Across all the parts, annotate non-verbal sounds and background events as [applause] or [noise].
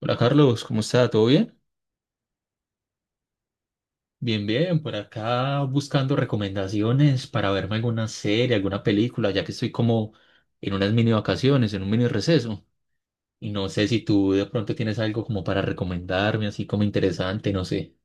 Hola Carlos, ¿cómo está? ¿Todo bien? Bien, bien, por acá buscando recomendaciones para verme alguna serie, alguna película, ya que estoy como en unas mini vacaciones, en un mini receso. Y no sé si tú de pronto tienes algo como para recomendarme, así como interesante, no sé.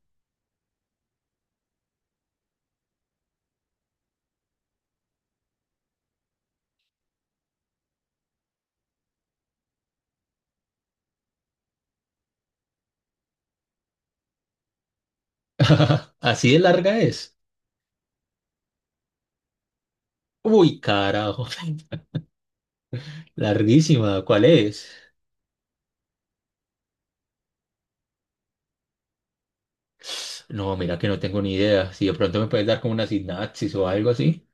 [laughs] Así de larga es. Uy, carajo, [laughs] larguísima, ¿cuál es? No, mira que no tengo ni idea. Si de pronto me puedes dar como una sinapsis o algo así.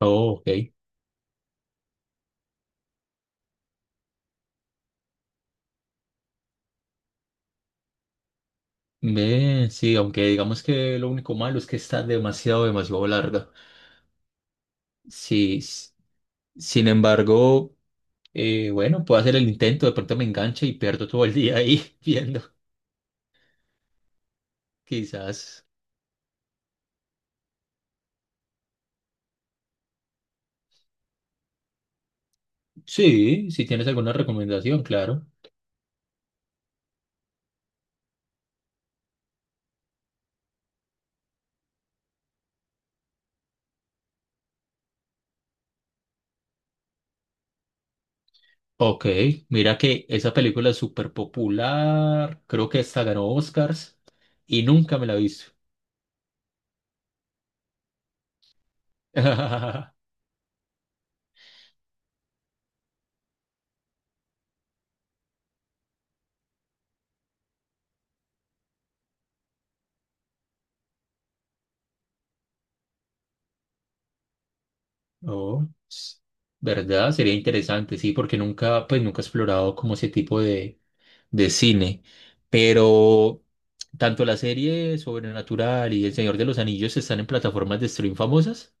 Oh, ok. Ve, sí, aunque digamos que lo único malo es que está demasiado, demasiado larga. Sí, s- Sin embargo, bueno, puedo hacer el intento, de pronto me engancha y pierdo todo el día ahí [laughs] viendo, quizás. Sí, si tienes alguna recomendación, claro. Ok, mira que esa película es súper popular, creo que hasta ganó Oscars y nunca me la he visto. [laughs] No, s- ¿Verdad? Sería interesante, sí, porque nunca, pues nunca he explorado como ese tipo de cine, pero tanto la serie Sobrenatural y El Señor de los Anillos están en plataformas de stream famosas.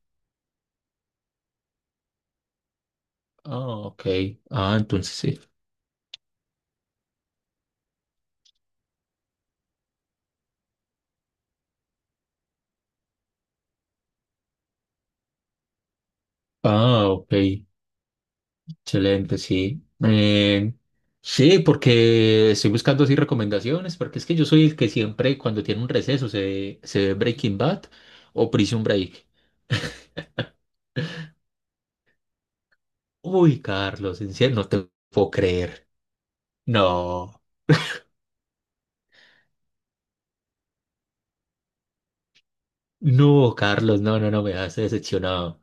Ah, ok. Ah, entonces sí. Ah, ok. Excelente, sí. Sí, porque estoy buscando así recomendaciones, porque es que yo soy el que siempre cuando tiene un receso se ve Breaking Bad o Prison Break. Uy, Carlos, en serio, no te puedo creer. No, no, Carlos, no, no, no, me has decepcionado.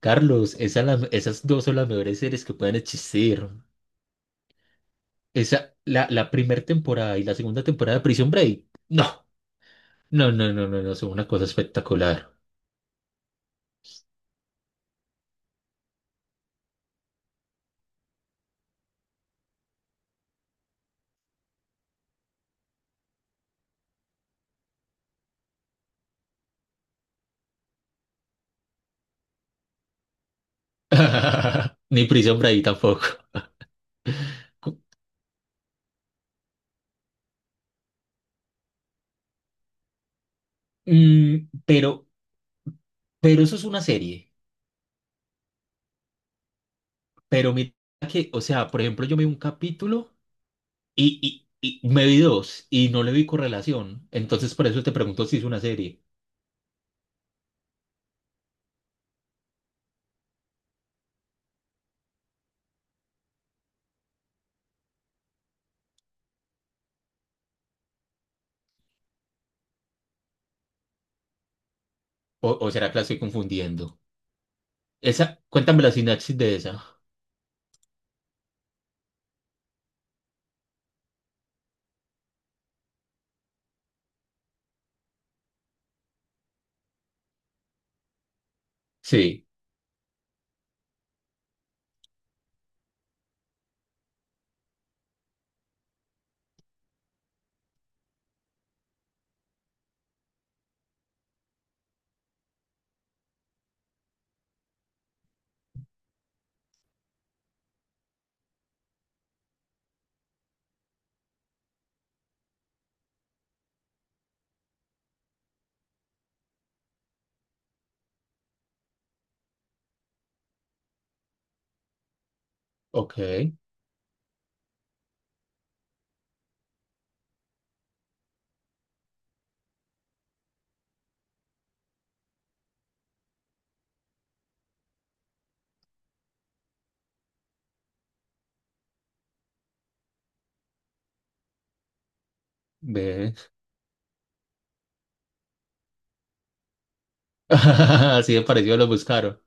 Carlos, esas dos son las mejores series que pueden existir. Esa, la primera temporada y la segunda temporada de Prison Break. No, no, no, no, no, no, son una cosa espectacular. [laughs] Ni Prison Break tampoco. Cu- mm, pero, pero eso es una serie. Pero mira que, o sea, por ejemplo, yo me vi un capítulo y, y me vi dos y no le vi correlación. Entonces, por eso te pregunto si es una serie o será que la estoy confundiendo. Esa, cuéntame la sinapsis de esa. Sí. Ok, ve. [laughs] Así de parecido lo buscaron.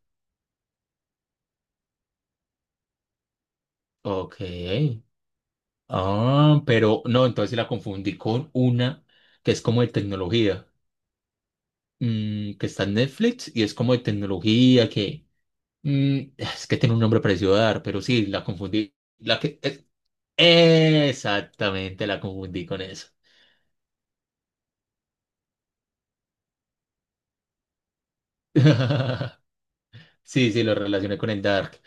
Ok. Ah, pero no, entonces sí la confundí con una que es como de tecnología, mm, que está en Netflix y es como de tecnología, que mm, es que tiene un nombre parecido a dar, pero sí, la confundí. Exactamente, la confundí con eso. [laughs] Sí, sí, lo relacioné con el Dark.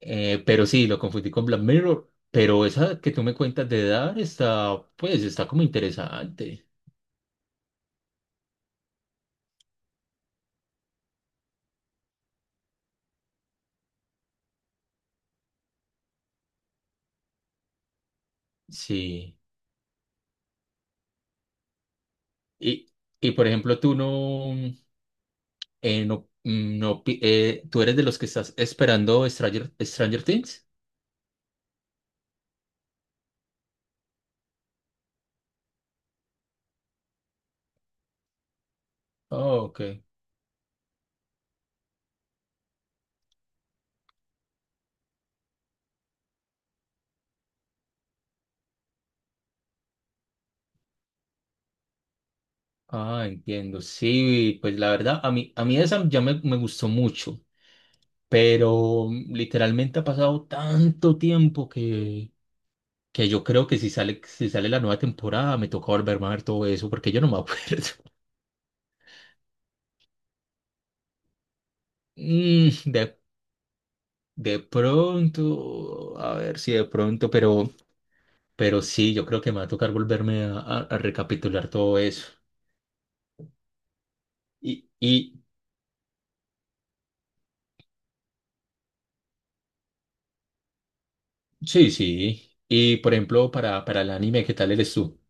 Pero sí, lo confundí con Black Mirror, pero esa que tú me cuentas de dar está, pues, está como interesante. Sí. Y, y por ejemplo, tú no, no, mm, no, pi- tú eres de los que estás esperando Stranger Things. Oh, ok. Ah, entiendo. Sí, pues la verdad, a mí esa ya me gustó mucho, pero mm, literalmente ha pasado tanto tiempo que yo creo que si sale, si sale la nueva temporada me toca volverme a ver todo eso porque yo no me acuerdo. [laughs] Mm, de, de pronto, a ver si de pronto, pero sí, yo creo que me va a tocar volverme a recapitular todo eso. Y sí, sí. Y por ejemplo, para el anime, ¿qué tal eres tú?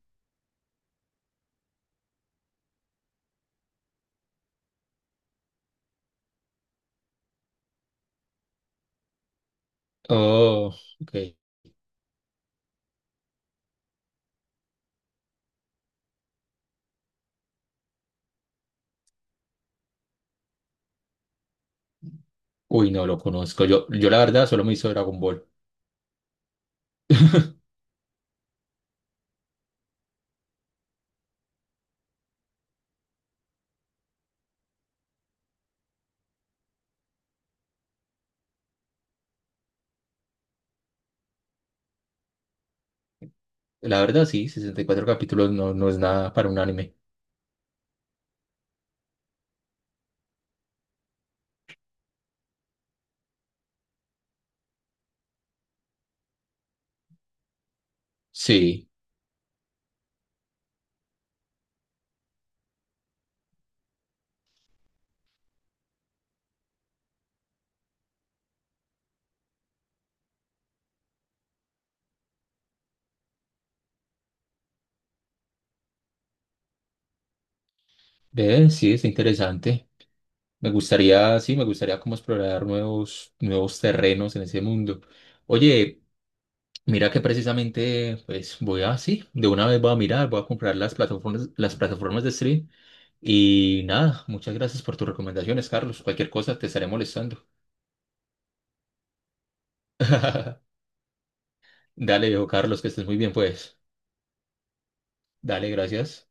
Oh, ok. Uy, no lo conozco. Yo la verdad solo me hizo Dragon Ball. [laughs] La verdad, sí, 64 capítulos no, no es nada para un anime. Sí, ve, sí, es interesante. Me gustaría, sí, me gustaría como explorar nuevos, nuevos terrenos en ese mundo. Oye, mira que precisamente, pues voy a, sí, de una vez voy a mirar, voy a comprar las plataformas de stream y nada, muchas gracias por tus recomendaciones, Carlos. Cualquier cosa te estaré molestando. [laughs] Dale, viejo Carlos, que estés muy bien, pues. Dale, gracias.